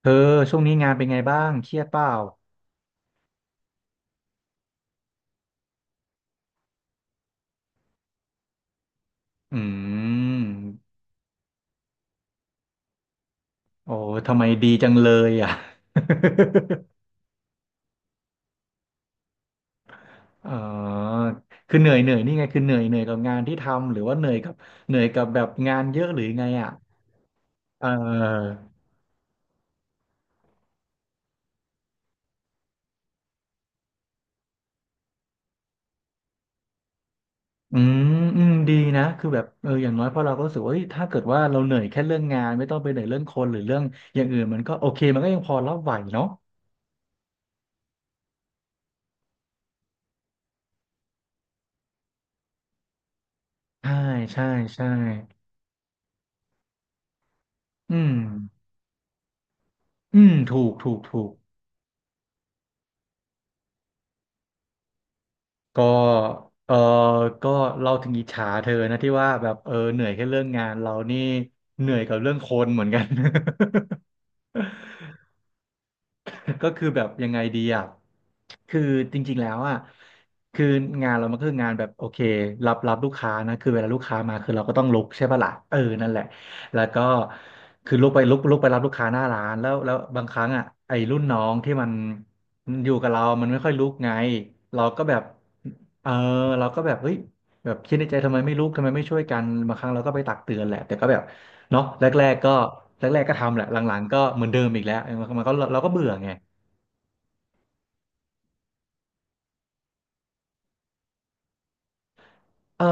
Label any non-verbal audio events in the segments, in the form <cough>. เธอช่วงนี้งานเป็นไงบ้างเครียดเปล่าอืมโอ้ทำไมดีจังเลยอ่ะ <laughs> อ๋อคือเหนื่อยนี่ไงคือเหนื่อยกับงานที่ทำหรือว่าเหนื่อยกับเหนื่อยกับแบบงานเยอะหรือไงอ่ะเอออืมอืมดีนะคือแบบเอออย่างน้อยพอเราก็รู้สึกว่าเอ้ยถ้าเกิดว่าเราเหนื่อยแค่เรื่องงานไม่ต้องไปเหนื่อยเรื่องคนหรือเรื่องอย่างอื่นมันก็โอเคมันก็ยังพอรับไหวเนาะใช่ใช่ใช่อืมอืมถูกถูกถูก ก็เออก็เราถึงอิจฉาเธอนะที่ว่าแบบเออเหนื่อยแค่เรื่องงานเรานี่เหนื่อยกับเรื่องคนเหมือนกัน <laughs> ก็คือแบบยังไงดีอ่ะคือจริงๆแล้วอ่ะคืองานเรามันคืองานแบบโอเครับลูกค้านะคือเวลาลูกค้ามาคือเราก็ต้องลุกใช่ปะล่ะเออนั่นแหละ แล้วก็คือลุกไปลุกไปรับลูกค้าหน้าร้านแล้วบางครั้งอ่ะไอ้รุ่นน้องที่มันอยู่กับเรา มันไม่ค่อยลุกไงเราก็แบบเออเราก็แบบเฮ้ยแบบคิดในใจทำไมไม่ลุกทำไมไม่ช่วยกันบางครั้งเราก็ไปตักเตือนแหละแต่ก็แบบเนาะแรกๆก็แรกๆก็ทำแหละหลังๆก็เหมือนเดิมอีกแล้วเออมันก็เราก็เบื่อไง เออ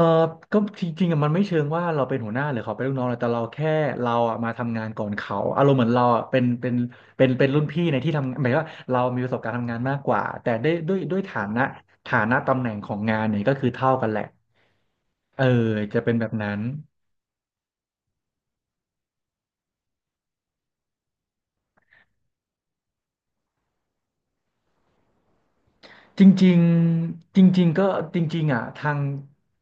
ก็จริงๆอะมันไม่เชิงว่าเราเป็นหัวหน้าหรือเขาเป็นลูกน้องเลยแต่เราแค่เราอะมาทำงานก่อนเขา อารมณ์เหมือนเราอะเป็นเป็นรุ่นพี่ในที่ทำหมายว่าเรามีประสบการณ์ทำงานมากกว่า แต่ได้ด้วยฐานะตำแหน่งของงานเนี่ยก็คือเท่ากันแหละ เออจะเป็นแบบนั้น จริงๆจริงๆก็จริงๆอ่ะทาง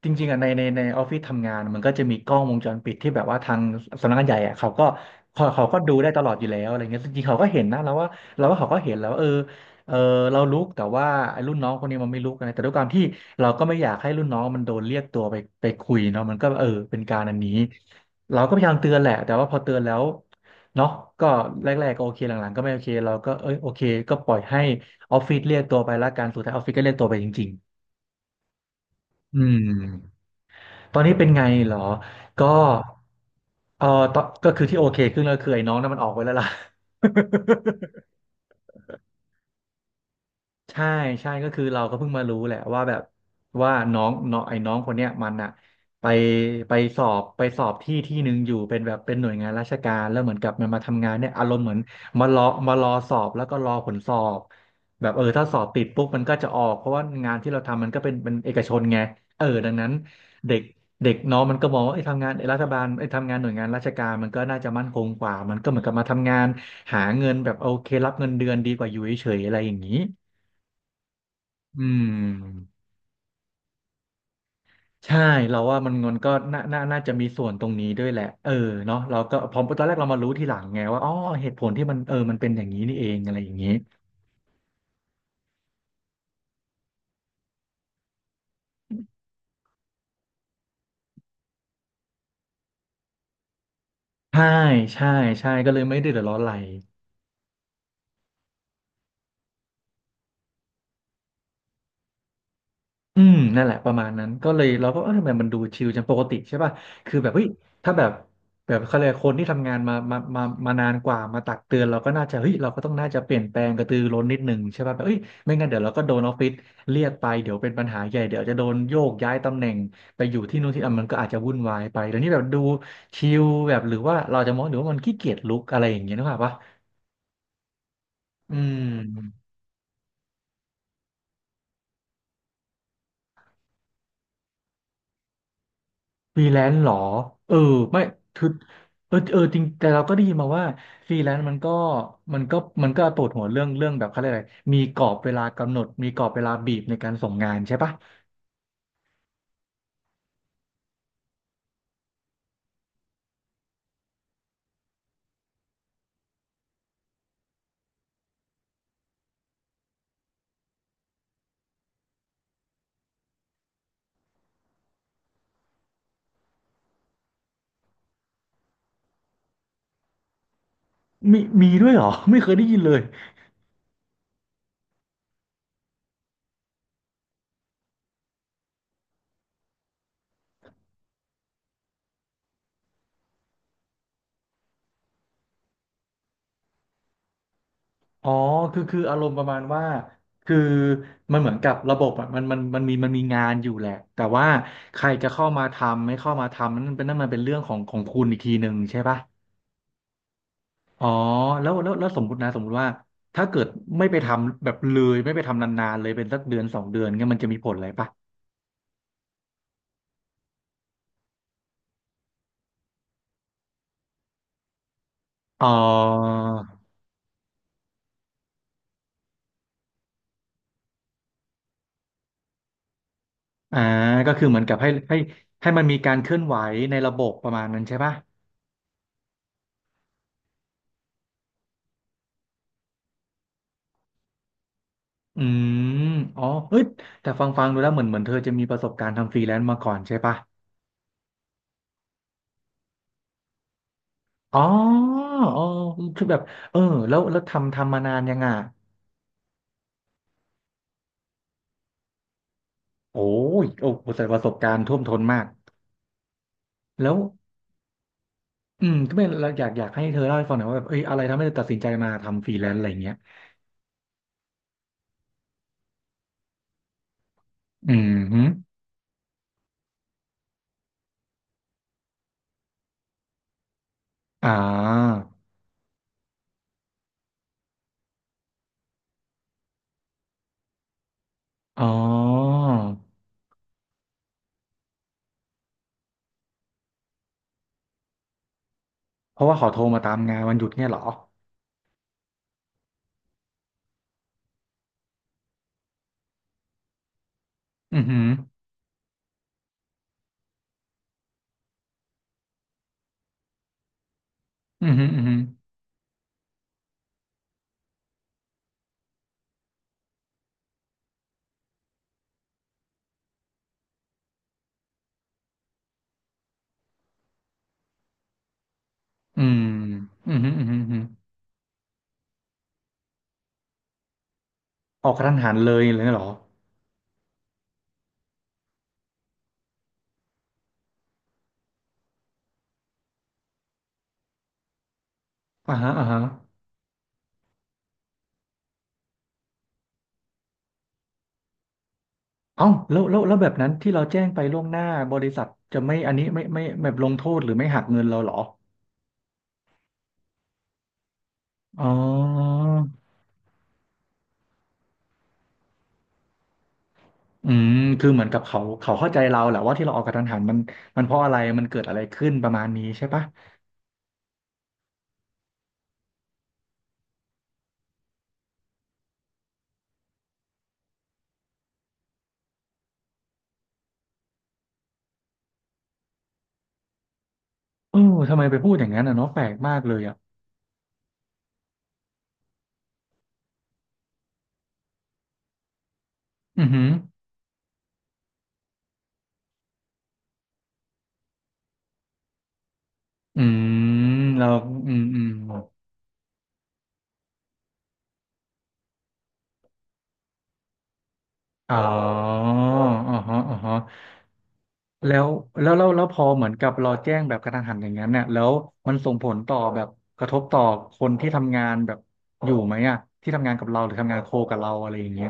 จริงๆอ่ะในในออฟฟิศทำงานมันก็จะมีกล้องวงจรปิดที่แบบว่าทางสำนักงานใหญ่อ่ะเขาก็เขาก็ดูได้ตลอดอยู่แล้วอะไรเงี้ยจริงๆเขาก็เห็นนะเราว่าเขาก็เห็นแล้วว่าเออเรารู้แต่ว่าไอ้รุ่นน้องคนนี้มันไม่รู้กนนะแต่ด้วยความที่เราก็ไม่อยากให้รุ่นน้องมันโดนเรียกตัวไปคุยเนาะมันก็เออเป็นการอันนี้เราก็พยายามเตือนแหละแต่ว่าพอเตือนแล้วเนาะก็แรกๆก็โอเคหลังๆก็ไม่โอเคเราก็เอ้ยโอเคก็ปล่อยให้ ออฟฟิศเรียกตัวไปละกันสุดท้ายออฟฟิศก็เรียกตัวไปจริงๆอืมๆตอนนี้เป็นไงเหรอ ก็เออตอนก็คือที่โอเคขึ้นแล้วคือไอ้น้องนั้นมันออกไปแล้วล่ะ <laughs> ใช่ใช่ก็คือเราก็เพิ่งมารู้แหละว่าแบบว่าน้องน้องไอ้น้องคนเนี้ยมันอะไปไปสอบที่ที่หนึ่งอยู่เป็นแบบเป็นหน่วยงานราชการแล้วเหมือนกับมันมาทำงานเนี่ยอารมณ์เหมือนมารอรอสอบแล้วก็รอผลสอบแบบเออถ้าสอบติดปุ๊บมันก็จะออกเพราะว่างานที่เราทำมันก็เป็นเอกชนไงเออดังนั้นเด็กเด็กน้องมันก็มองว่าไอ้ยทำงานไอ้รัฐบาลไอ้ยทำงานหน่วยงานราชการมันก็น่าจะมั่นคงกว่ามันก็เหมือนกับมาทำงานหาเงินแบบโอเครับเงินเดือนดีกว่าอยู่เฉยๆอะไรอย่างนี้ อืมใช่เราว่ามันก็น่าน่าจะมีส่วนตรงนี้ด้วยแหละเออเนาะเราก็พอตอนแรกเรามารู้ทีหลังไงว่าอ๋อเหตุผลที่มันเออมันเป็นอย่างนี้นี่เองอะไรอย่างนี้ใช่ใช่ใช่ก็เลยไม่ได้เดือดร้อนอะไร อืมนั่นแหละประมาณนั้นก็เลยเราก็เออทำไมมันดูชิลจังปกติใช่ป่ะคือแบบเฮ้ยถ้าแบบแบบเขาเรียกคนที่ทำงานมานานกว่ามาตักเตือนเราก็น่าจะเฮ้ยเราก็ต้องน่าจะเปลี่ยนแปลงกระตือร้นนิดหนึ่งใช่ป่ะแบบเฮ้ยไม่งั้นเดี๋ยวเราก็โดนออฟฟิศเรียกไปเดี๋ยวเป็นปัญหาใหญ่เดี๋ยวจะโดนโยกย้ายตำแหน่งไปอยู่ที่นู่นที่นั่นมันก็อาจจะวุ่นวายไปแล้วนี่แบบดูชิลแบบหรือว่าเราจะมองหรือว่ามันขี้เกียจลุกอะไรอย่างเงี้ยนึกภาพปะอืม ฟรีแลนซ์เหรอเออไม่คือเออจริงแต่เราก็ได้ยินมาว่าฟรีแลนซ์มันก็มันก็มันก็ปวดหัวเรื่องแบบเขาเรียกอะไรมีกรอบเวลากำหนดมีกรอบเวลาบีบในการส่งงานใช่ปะมีมีด้วยเหรอ <laughs> ไม่เคยได้ยินเลยอ๋อคืออารมณ์ประมาณว่าคือมันเหมือนกับระบบอ่ะมันมีมีงานอยู่แหละแต่ว่าใครจะเข้ามาทำไม่เข้ามาทำนั่นเป็นนั่นมันเป็นเรื่องของคุณอีกทีหนึ่งใช่ปะ อ๋อแล้วสมมตินะสมมติว่าถ้าเกิดไม่ไปทำแบบเลยไม่ไปทำนานๆเลยเป็นสักเดือนสองเดือนเงี้ยมันจะมีผลอะไรปะอ๋ออ่าก็คือเหมือนกับให้ให้มันมีการเคลื่อนไหวในระบบประมาณนั้นใช่ปะอืมอ๋อเฮ้ยแต่ฟังดูแล้วเหมือนเธอจะมีประสบการณ์ทำฟรีแลนซ์มาก่อนใช่ปะอ๋ออ๋อคือแบบเออแล้วทำมานานยังอ่ะโอ้ยโอ้โหแต่ประสบการณ์ท่วมท้นมากแล้ว อืมก็เป็นเราอยากอยากให้เธอเล่าให้ฟังหน่อยว่าแบบเอ้ยอะไรทำให้เธอตัดสินใจมาทำฟรีแลนซ์อะไรอย่างเงี้ยอืมฮึอ่าอ๋อเพราะว่าเขาโทรมาตามงานวันหยุดเนี่ยเหรออือหืออือหืออือหืออืมอือหืออือหืออือหือออกกระทันหันเลยเลยเหรออ่าฮะอ่าฮะเอ้าแล้วแบบนั้นที่เราแจ้งไปล่วงหน้าบริษัทจะไม่อันนี้ไม่แบบลงโทษหรือไม่หักเงินเราเหรออ๋อ อืมคือเหมือนกับเขาเข้าใจเราแหละว่าที่เราออกกระทันหันมันมันเพราะอะไรมันเกิดอะไรขึ้นประมาณนี้ใช่ปะเออทำไมไปพูดอย่างนั้นอ่ะเนาะแปลกมากเลยอ่ะอือหืออืมเราอืมอ๋ออ๋อฮะอ๋อฮะแล้วแล้วพอเหมือนกับเราแจ้งแบบกระทันหันอย่างนั้นเนี่ยแล้วมันส่งผลต่อแบบกระทบต่อคนที่ทำงานแบบอยู่ไหมอ่ะที่ทำงานกับเราหรือทำงานโคกับเราอะไรอย่างเงี้ย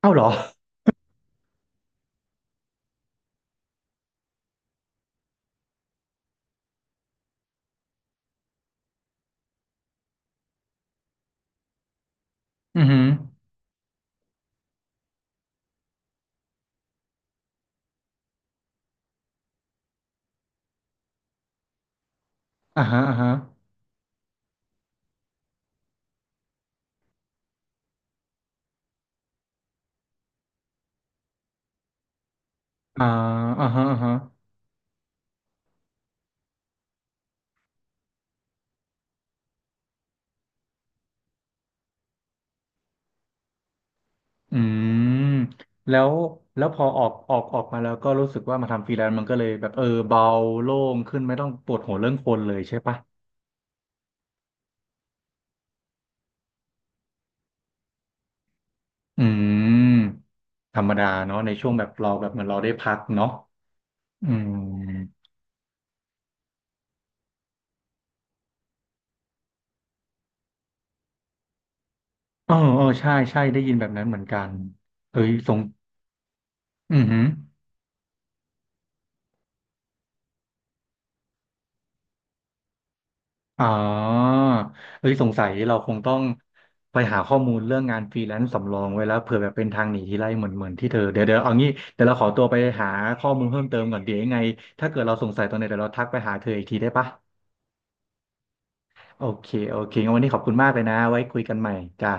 เอ้าเหรออือหืออ่าฮะอ่าฮะอ่าอ่าฮะอ่าฮะ อืมแล้วแล้วพอออกมาแล้วก็รู้สึกว่ามาทำฟรีแลนซ์มันก็เลยแบบเออเบาโล่งขึ้นไม่ต้องปวดหัวเรื่องคนเลยใช่ปะอืมธรรมดาเนาะในช่วงแบบเราแบบเหมือนเราได้พักเนาะอืมเออใช่ได้ยินแบบนั้นเหมือนกันเฮ้ยสงอือหือ อ๋อเอ้ยสงสัยเราคงต้องไปหาข้อมูลเรื่องงานฟรีแลนซ์สำรองไว้แล้วเผื่อแบบเป็นทางหนีทีไลเหมือนที่เธอเดี๋ยวเอางี้เดี๋ยวเราขอตัวไปหาข้อมูลเพิ่มเติมก่อนเดี๋ยวยังไงถ้าเกิดเราสงสัยตรงไหนเดี๋ยวเราทักไปหาเธออีกทีได้ปะโอเคงั้นวันนี้ขอบคุณมากเลยนะไว้คุยกันใหม่จ้า